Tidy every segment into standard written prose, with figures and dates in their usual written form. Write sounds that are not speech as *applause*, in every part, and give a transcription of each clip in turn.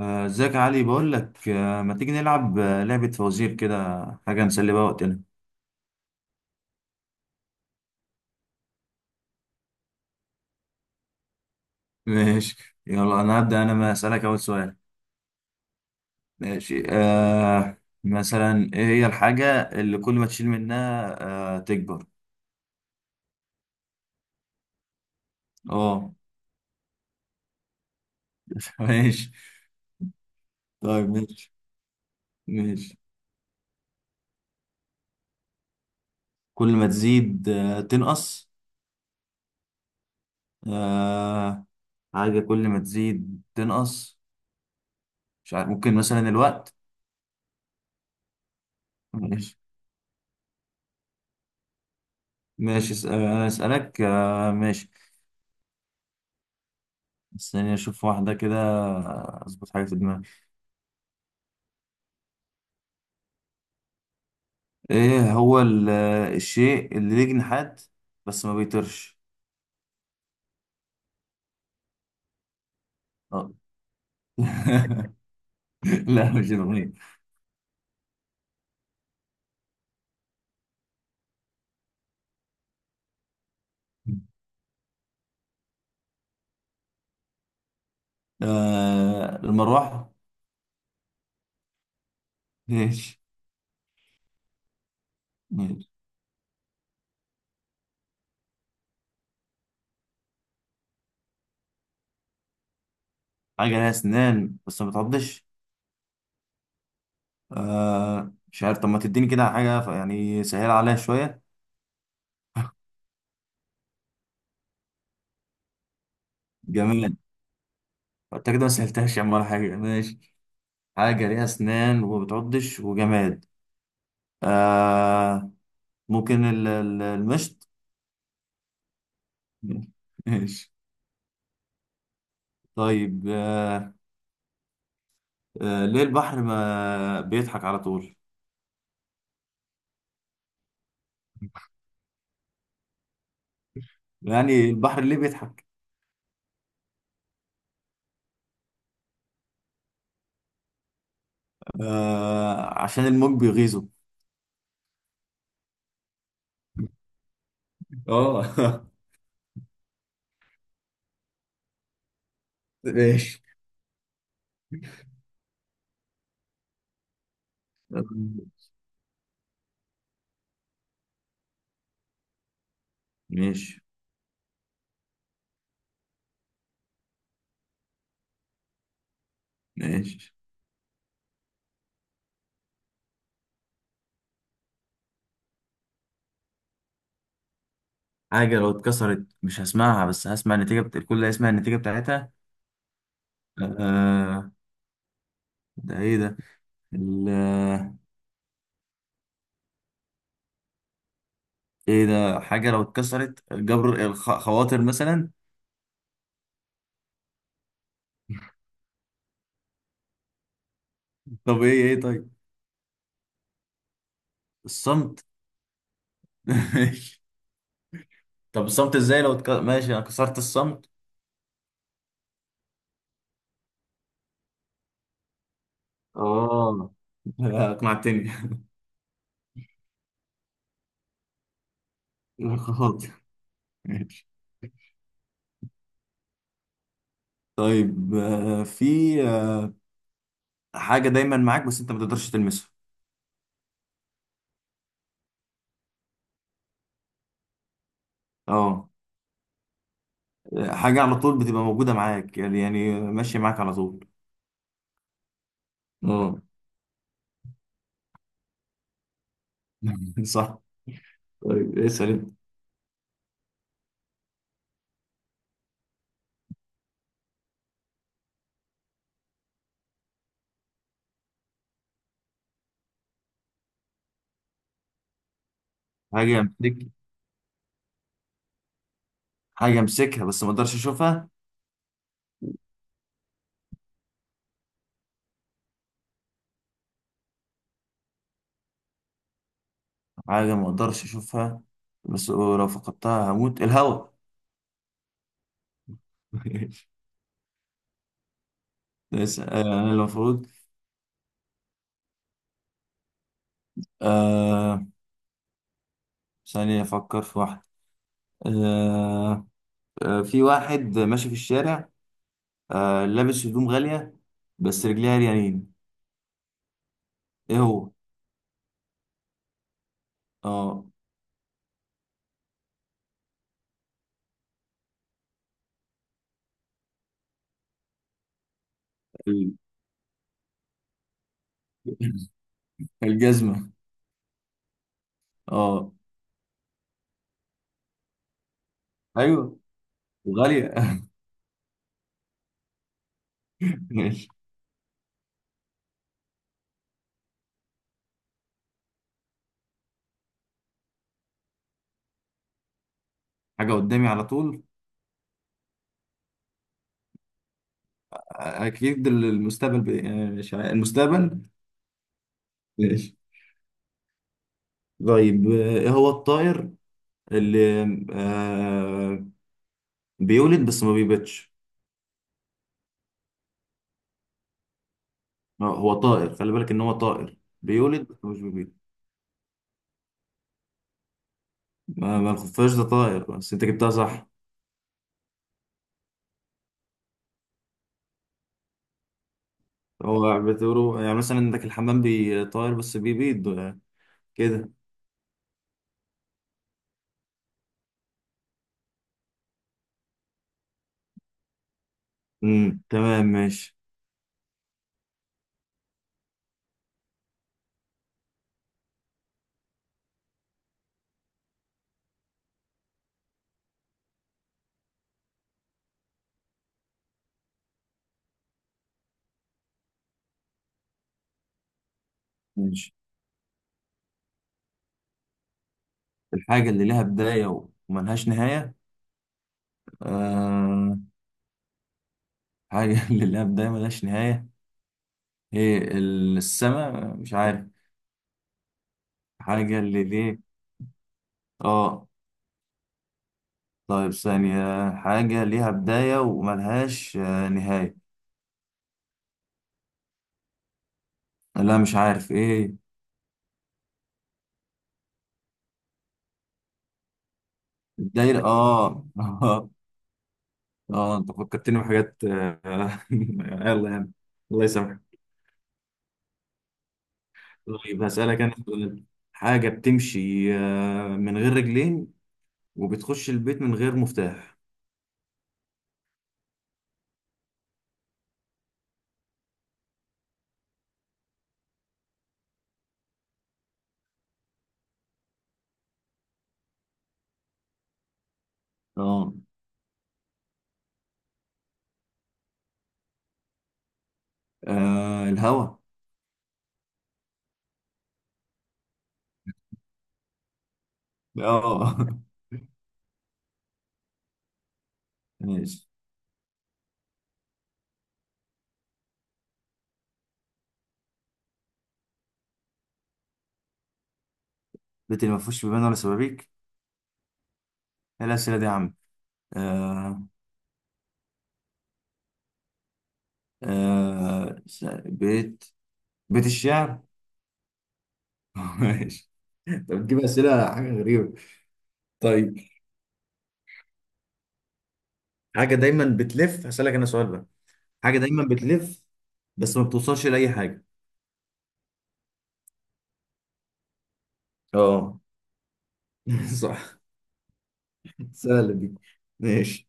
ازيك يا علي؟ بقول لك، ما تيجي نلعب لعبة فوازير كده، حاجة نسلي بقى وقتنا. ماشي، يلا انا هبدأ، انا ما اسألك اول سؤال. ماشي. مثلا، ايه هي الحاجة اللي كل ما تشيل منها تكبر؟ اه. *laughs* ماشي. طيب ماشي. ماشي، كل ما تزيد تنقص. آه حاجة كل ما تزيد تنقص، مش عارف، ممكن مثلا الوقت. ماشي. ماشي، انا اسألك. ماشي، استني اشوف واحدة كده، اظبط حاجة في دماغي. ايه هو الشيء اللي ليه جناحات بس ما بيطيرش؟ آه. *laughs* لا، مش الأغنية. المروحة. ماشي. ماشي، حاجة لها أسنان بس ما بتعضش؟ مش عارف، طب ما تديني كده حاجة يعني سهل عليها شوية. جماد؟ أنت كده ما سهلتهاش يا عم ولا حاجة، ماشي. حاجة ليها أسنان وما بتعضش وجماد، آه، ممكن المشط. ماشي. طيب، ليه البحر ما بيضحك على طول؟ يعني البحر ليه بيضحك؟ عشان الموج بيغيظه. اه. *laughs* ماشي. ماشي. ماشي، حاجة لو اتكسرت مش هسمعها، بس هسمع النتيجة الكل هيسمع النتيجة بتاعتها. آه، ده ايه ده؟ ال... ايه ده؟ حاجة لو اتكسرت، جبر الخواطر مثلا. طب ايه طيب؟ الصمت. *laughs* ماشي، طب الصمت ازاي لو ماشي، انا كسرت الصمت. اه. لا، اقنعتني. لا، خلاص. ماشي. طيب، في آه، حاجة دايما معاك بس انت ما تقدرش تلمسها. اه. حاجة على طول بتبقى موجودة معاك، يعني ماشية معاك على طول. اه. *laughs* صح. طيب اسأل انت. حاجة امسك حاجة امسكها بس ما اقدرش اشوفها. حاجة ما اقدرش اشوفها بس لو فقدتها هموت، الهواء. *laughs* ماشي. اسأل، انا المفروض. آه... ثانية افكر في واحدة. آه... في واحد ماشي في الشارع، لابس هدوم غالية بس رجليها عريانين، ايه هو؟ اه، ال- *laughs* الجزمة. اه، ايوه، غالية. *laughs* ماشي. حاجة قدامي على طول، اكيد المستقبل، ب... آه، مش عارف، المستقبل. ماشي. طيب، ايه هو الطائر اللي آه بيولد بس ما بيبيضش؟ هو طائر، خلي بالك ان هو طائر، بيولد بس مش بيبيض. ما الخفاش ده طائر، بس انت جبتها صح. هو بتقولوا يعني مثلا عندك الحمام بيطير بس بيبيض كده. تمام، ماشي. ماشي، الحاجة اللي لها بداية وملهاش نهاية؟ آه حاجة *laughs* اللي لها بداية ملهاش نهاية، هي السماء؟ مش عارف. حاجة اللي ليه. اه. طيب ثانية، حاجة ليها بداية وملهاش نهاية. لا، مش عارف ايه. الدايرة، اه. *laughs* اه، انت فكرتني بحاجات *laughs* يلا يعني، الله يسامحك. طيب هسألك أنا سؤال، حاجة بتمشي من غير رجلين وبتخش البيت من غير مفتاح. اه، الهوا. اه. *laughs* ماشي، البيت اللي ما فيهوش بيبان ولا شبابيك؟ إيه الأسئلة دي يا عم؟ آه آه س- بيت بيت الشعر. *laughs* ماشي، أنت بتجيب أسئلة حاجة غريبة. طيب، حاجة دايما بتلف، هسألك أنا سؤال بقى، حاجة دايما بتلف بس ما بتوصلش لأي حاجة. اه. *laughs* صح، سهلة دي، ماشي.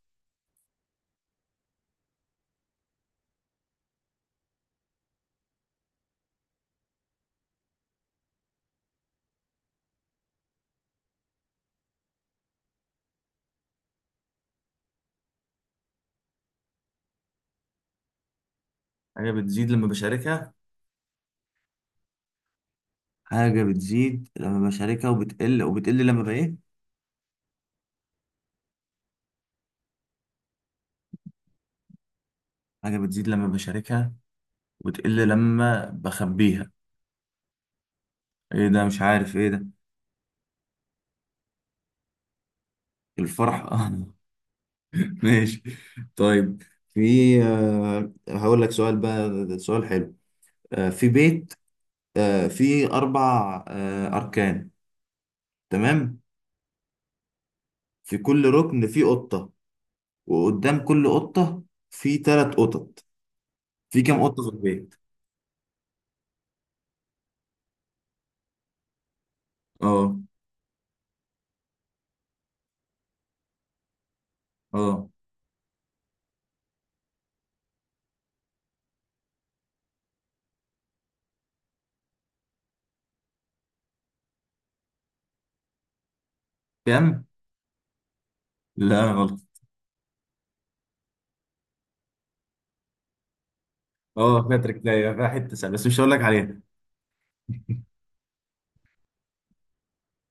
حاجة بتزيد لما بشاركها. حاجة بتزيد لما بشاركها، وبتقل لما بإيه؟ حاجة بتزيد لما بشاركها وتقل لما بخبيها، ايه ده؟ مش عارف ايه ده. الفرح. *laughs* اه، ماشي. طيب، في، هقول لك سؤال بقى، ده سؤال حلو. في بيت فيه أربع أركان، تمام؟ في كل ركن فيه قطة، وقدام كل قطة فيه تلات قطط. في كام قطة في البيت؟ اه. اه كام؟ لا، غلط. اه، باتريك، لا، فيها حته سهله بس مش هقول لك عليها.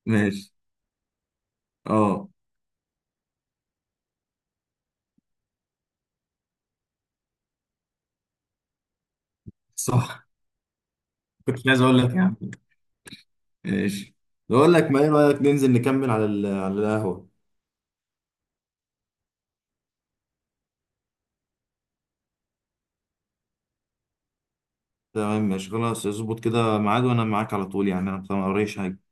ماشي. اه، صح، كنت عايز اقول لك يا عم. ماشي، بقول لك، ما ايه رايك ننزل نكمل على على القهوه. تمام ماشي، خلاص اظبط كده ميعاد وانا معاك على طول، يعني انا ما اوريش حاجه.